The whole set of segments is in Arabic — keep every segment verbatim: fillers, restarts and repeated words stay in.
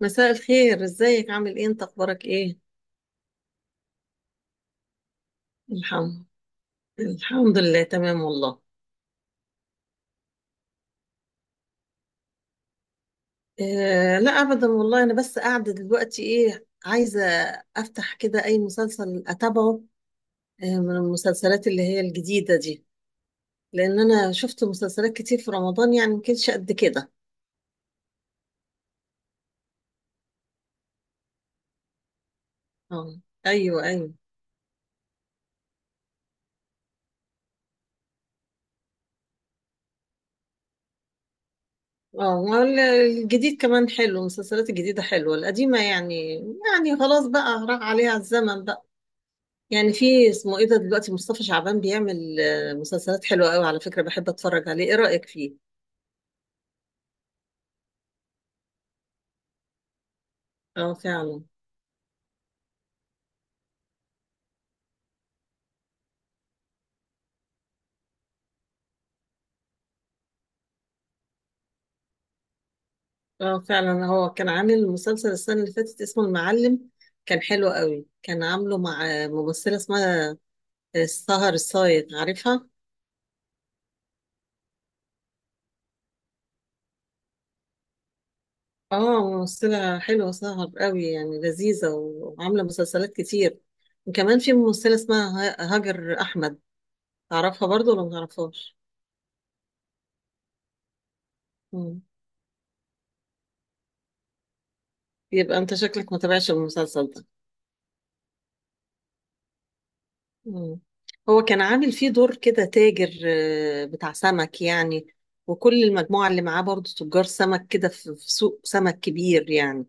مساء الخير، ازيك؟ عامل ايه انت؟ اخبارك ايه؟ الحمد الحمد لله، تمام والله. آه، لا ابدا والله. انا بس قاعده دلوقتي، ايه عايزه افتح كده اي مسلسل اتابعه، آه، من المسلسلات اللي هي الجديده دي. لان انا شفت مسلسلات كتير في رمضان، يعني ما كانتش قد كده. اه، ايوه ايوه. اه، وال- الجديد كمان حلو، المسلسلات الجديده حلوه. القديمه يعني يعني خلاص بقى راح عليها الزمن بقى. يعني في اسمه ايه ده، دلوقتي مصطفى شعبان بيعمل آه، مسلسلات حلوة قوي على فكرة. بحب اتفرج عليه، ايه رأيك فيه؟ اه فعلا. اه فعلا، هو كان عامل مسلسل السنة اللي فاتت اسمه المعلم، كان حلو قوي. كان عامله مع آه، ممثلة اسمها آه، سهر الصايغ، عارفها؟ اه، ممثلة حلوة سهر قوي، يعني لذيذة وعاملة مسلسلات كتير. وكمان في ممثلة اسمها ه- هاجر أحمد، تعرفها برضو ولا ما تعرفهاش؟ مم. يبقى انت شكلك ما تابعش المسلسل ده. مم. هو كان عامل فيه دور كده تاجر آه، بتاع سمك يعني، وكل المجموعة اللي معاه برضه تجار سمك كده في في سوق سمك كبير يعني.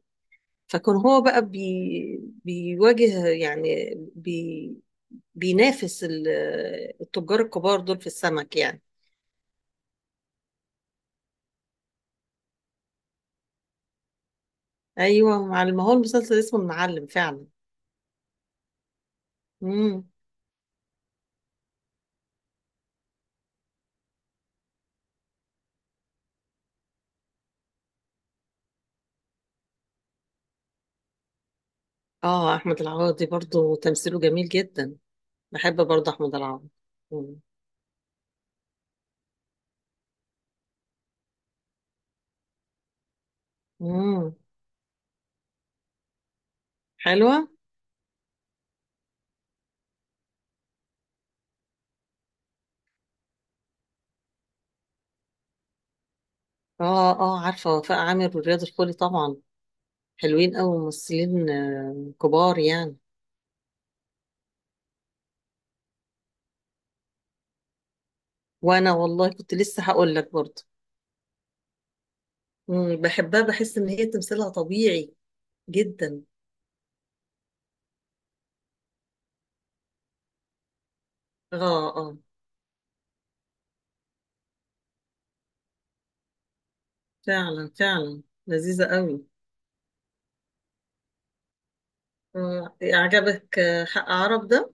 فكان هو بقى بي بيواجه يعني، بي بينافس ال- التجار الكبار دول في السمك يعني. ايوه، مع- ما هو المسلسل اسمه المعلم فعلا. امم. اه، احمد العوضي برضه تمثيله جميل جدا، بحب برضه احمد العوضي. امم، حلوة. اه اه، عارفة وفاء عامر ورياض الخولي طبعا، حلوين أوي، ممثلين آه، كبار يعني. وأنا والله كنت لسه هقول لك برضه، مم، بحبها، بحس إن هي تمثيلها طبيعي جدا. اه اه، فعلا فعلا، لذيذة أوي. آه عجبك آه، حق عرب ده؟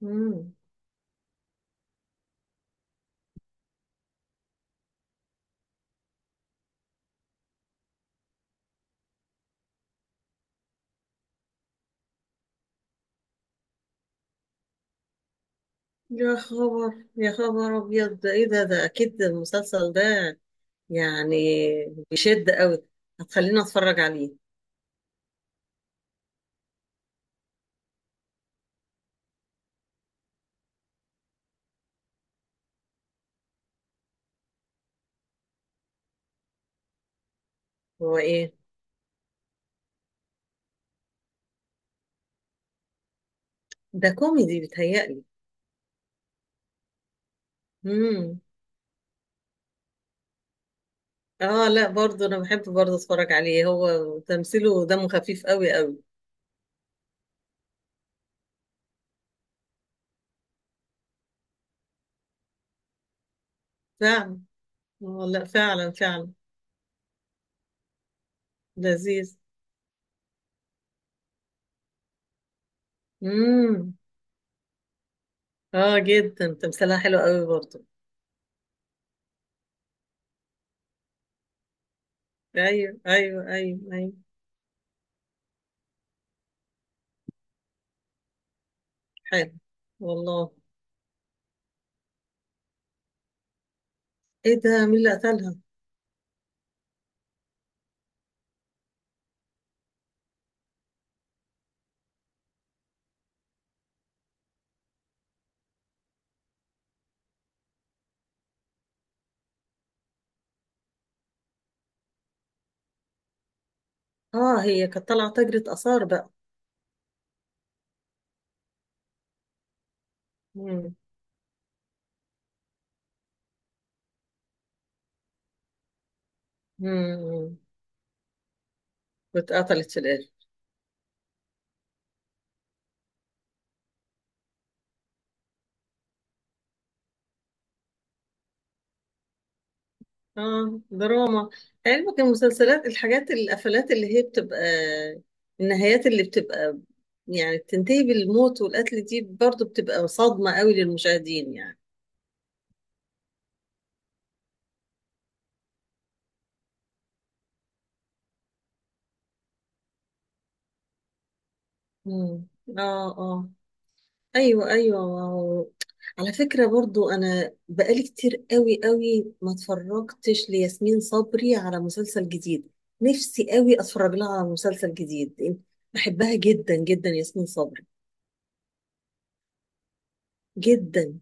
مم. يا خبر، يا خبر أبيض، ده إيه ده؟ ده أكيد المسلسل ده يعني بيشد أوي، هتخليني أتفرج عليه. هو إيه؟ ده كوميدي بيتهيألي؟ مم. اه، لا برضه انا بحب برضه اتفرج عليه، هو تمثيله دمه خفيف قوي قوي. فعلا، اه لا فعلا فعلا، لذيذ. امم، اه جدا، تمثيلها حلو قوي برضه. ايوه ايوه ايوه ايوه، حلو والله. ايه ده، مين اللي قتلها؟ اه، هي كانت طالعه تاجرة اثار بقى. امم. امم، واتقتلت في الاخر. اه دراما، علمك المسلسلات الحاجات، القفلات اللي هي بتبقى، النهايات اللي بتبقى يعني بتنتهي بالموت والقتل دي، برضو بتبقى صدمة قوي للمشاهدين يعني. مم. اه اه، ايوه ايوه، واو. على فكرة برضو، انا بقالي كتير قوي قوي ما اتفرجتش لياسمين صبري على مسلسل جديد، نفسي قوي اتفرج لها على مسلسل جديد، بحبها جدا جدا ياسمين صبري. جدا،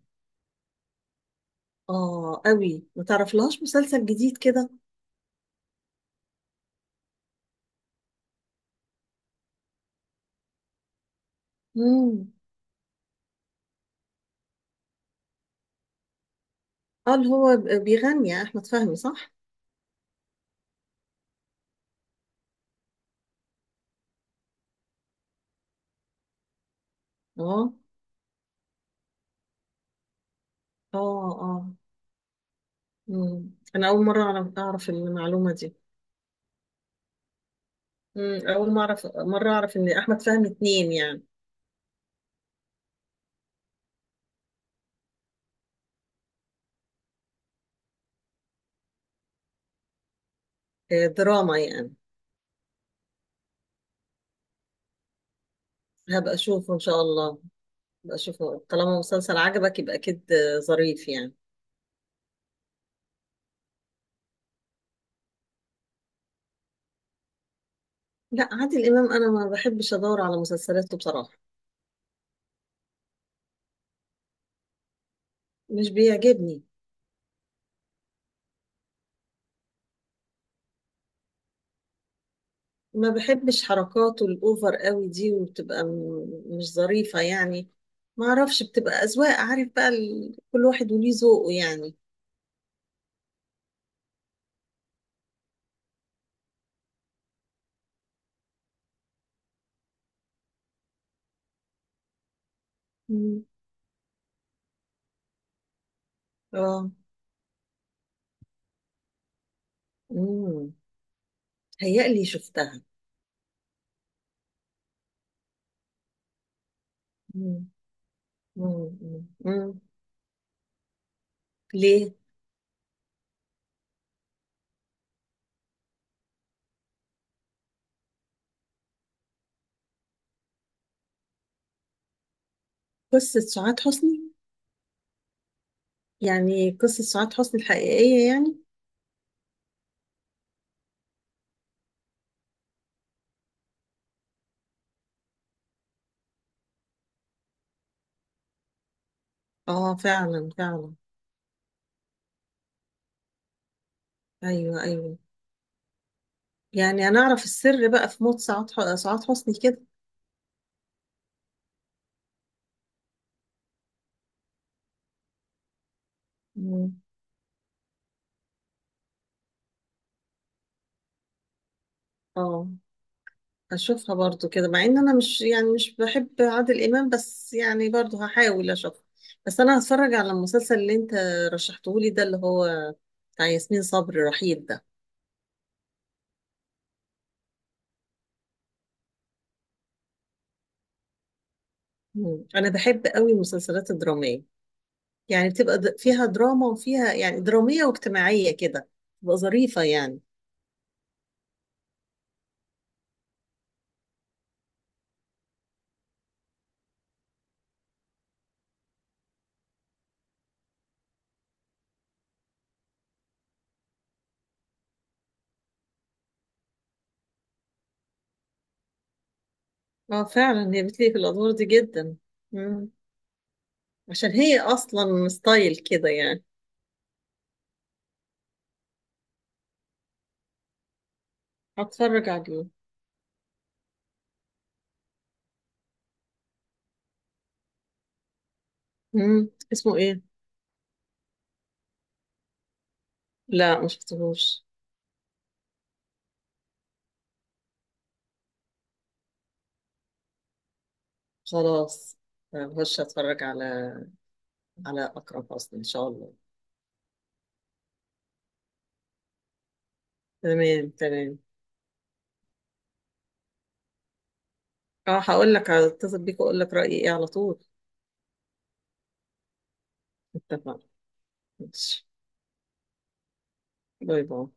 اه قوي. ما تعرفلهاش مسلسل جديد كده؟ امم. اه، اللي هو ب- بيغني احمد فهمي، صح؟ اه اه اه. امم، انا اول مره اعرف اعرف المعلومه دي. امم، اول ما اعرف مره اعرف ان احمد فهمي اتنين يعني. آه، دراما يعني؟ هبقى اشوفه ان شاء الله، هبقى اشوفه. طالما مسلسل عجبك يبقى اكيد آه، ظريف يعني. لا، عادل امام انا ما بحبش ادور على مسلسلاته بصراحه، مش بيعجبني. ما بحبش حركاته الأوفر قوي دي، وبتبقى م- مش ظريفة يعني. ما أعرفش، بتبقى أذواق، عارف بقى، ال... كل واحد وليه ذوقه يعني. مم. اه. امم، هيقلي شفتها؟ مم. مم. مم. مم. ليه؟ قصة سعاد حسني؟ يعني قصة سعاد حسني الحقيقية يعني؟ اه فعلا فعلا. ايوه ايوه، يعني انا اعرف السر بقى في موت سعاد ح- سعاد حسني كده. مم. اه، هشوفها برضو كده، مع ان انا مش يعني مش بحب عادل امام، بس يعني برضو هحاول اشوفها. بس انا هتفرج على المسلسل اللي انت رشحته لي ده، اللي هو بتاع ياسمين صبري، رحيل ده. مم. انا بحب قوي المسلسلات الدرامية، يعني بتبقى د- فيها دراما وفيها يعني درامية واجتماعية كده، تبقى ظريفة يعني. اه فعلا، هي بتليق في الادوار دي جدا. مم. عشان هي اصلا ستايل كده يعني. هتفرج عليه. مم، اسمه ايه؟ لا، مشفتهوش. خلاص، هخش اتفرج على، على اقرب اصلا ان شاء الله. تمام تمام. اه، هقول لك، هتصل بيك واقول لك رايي ايه على طول. اتفقنا، ماشي. باي باي.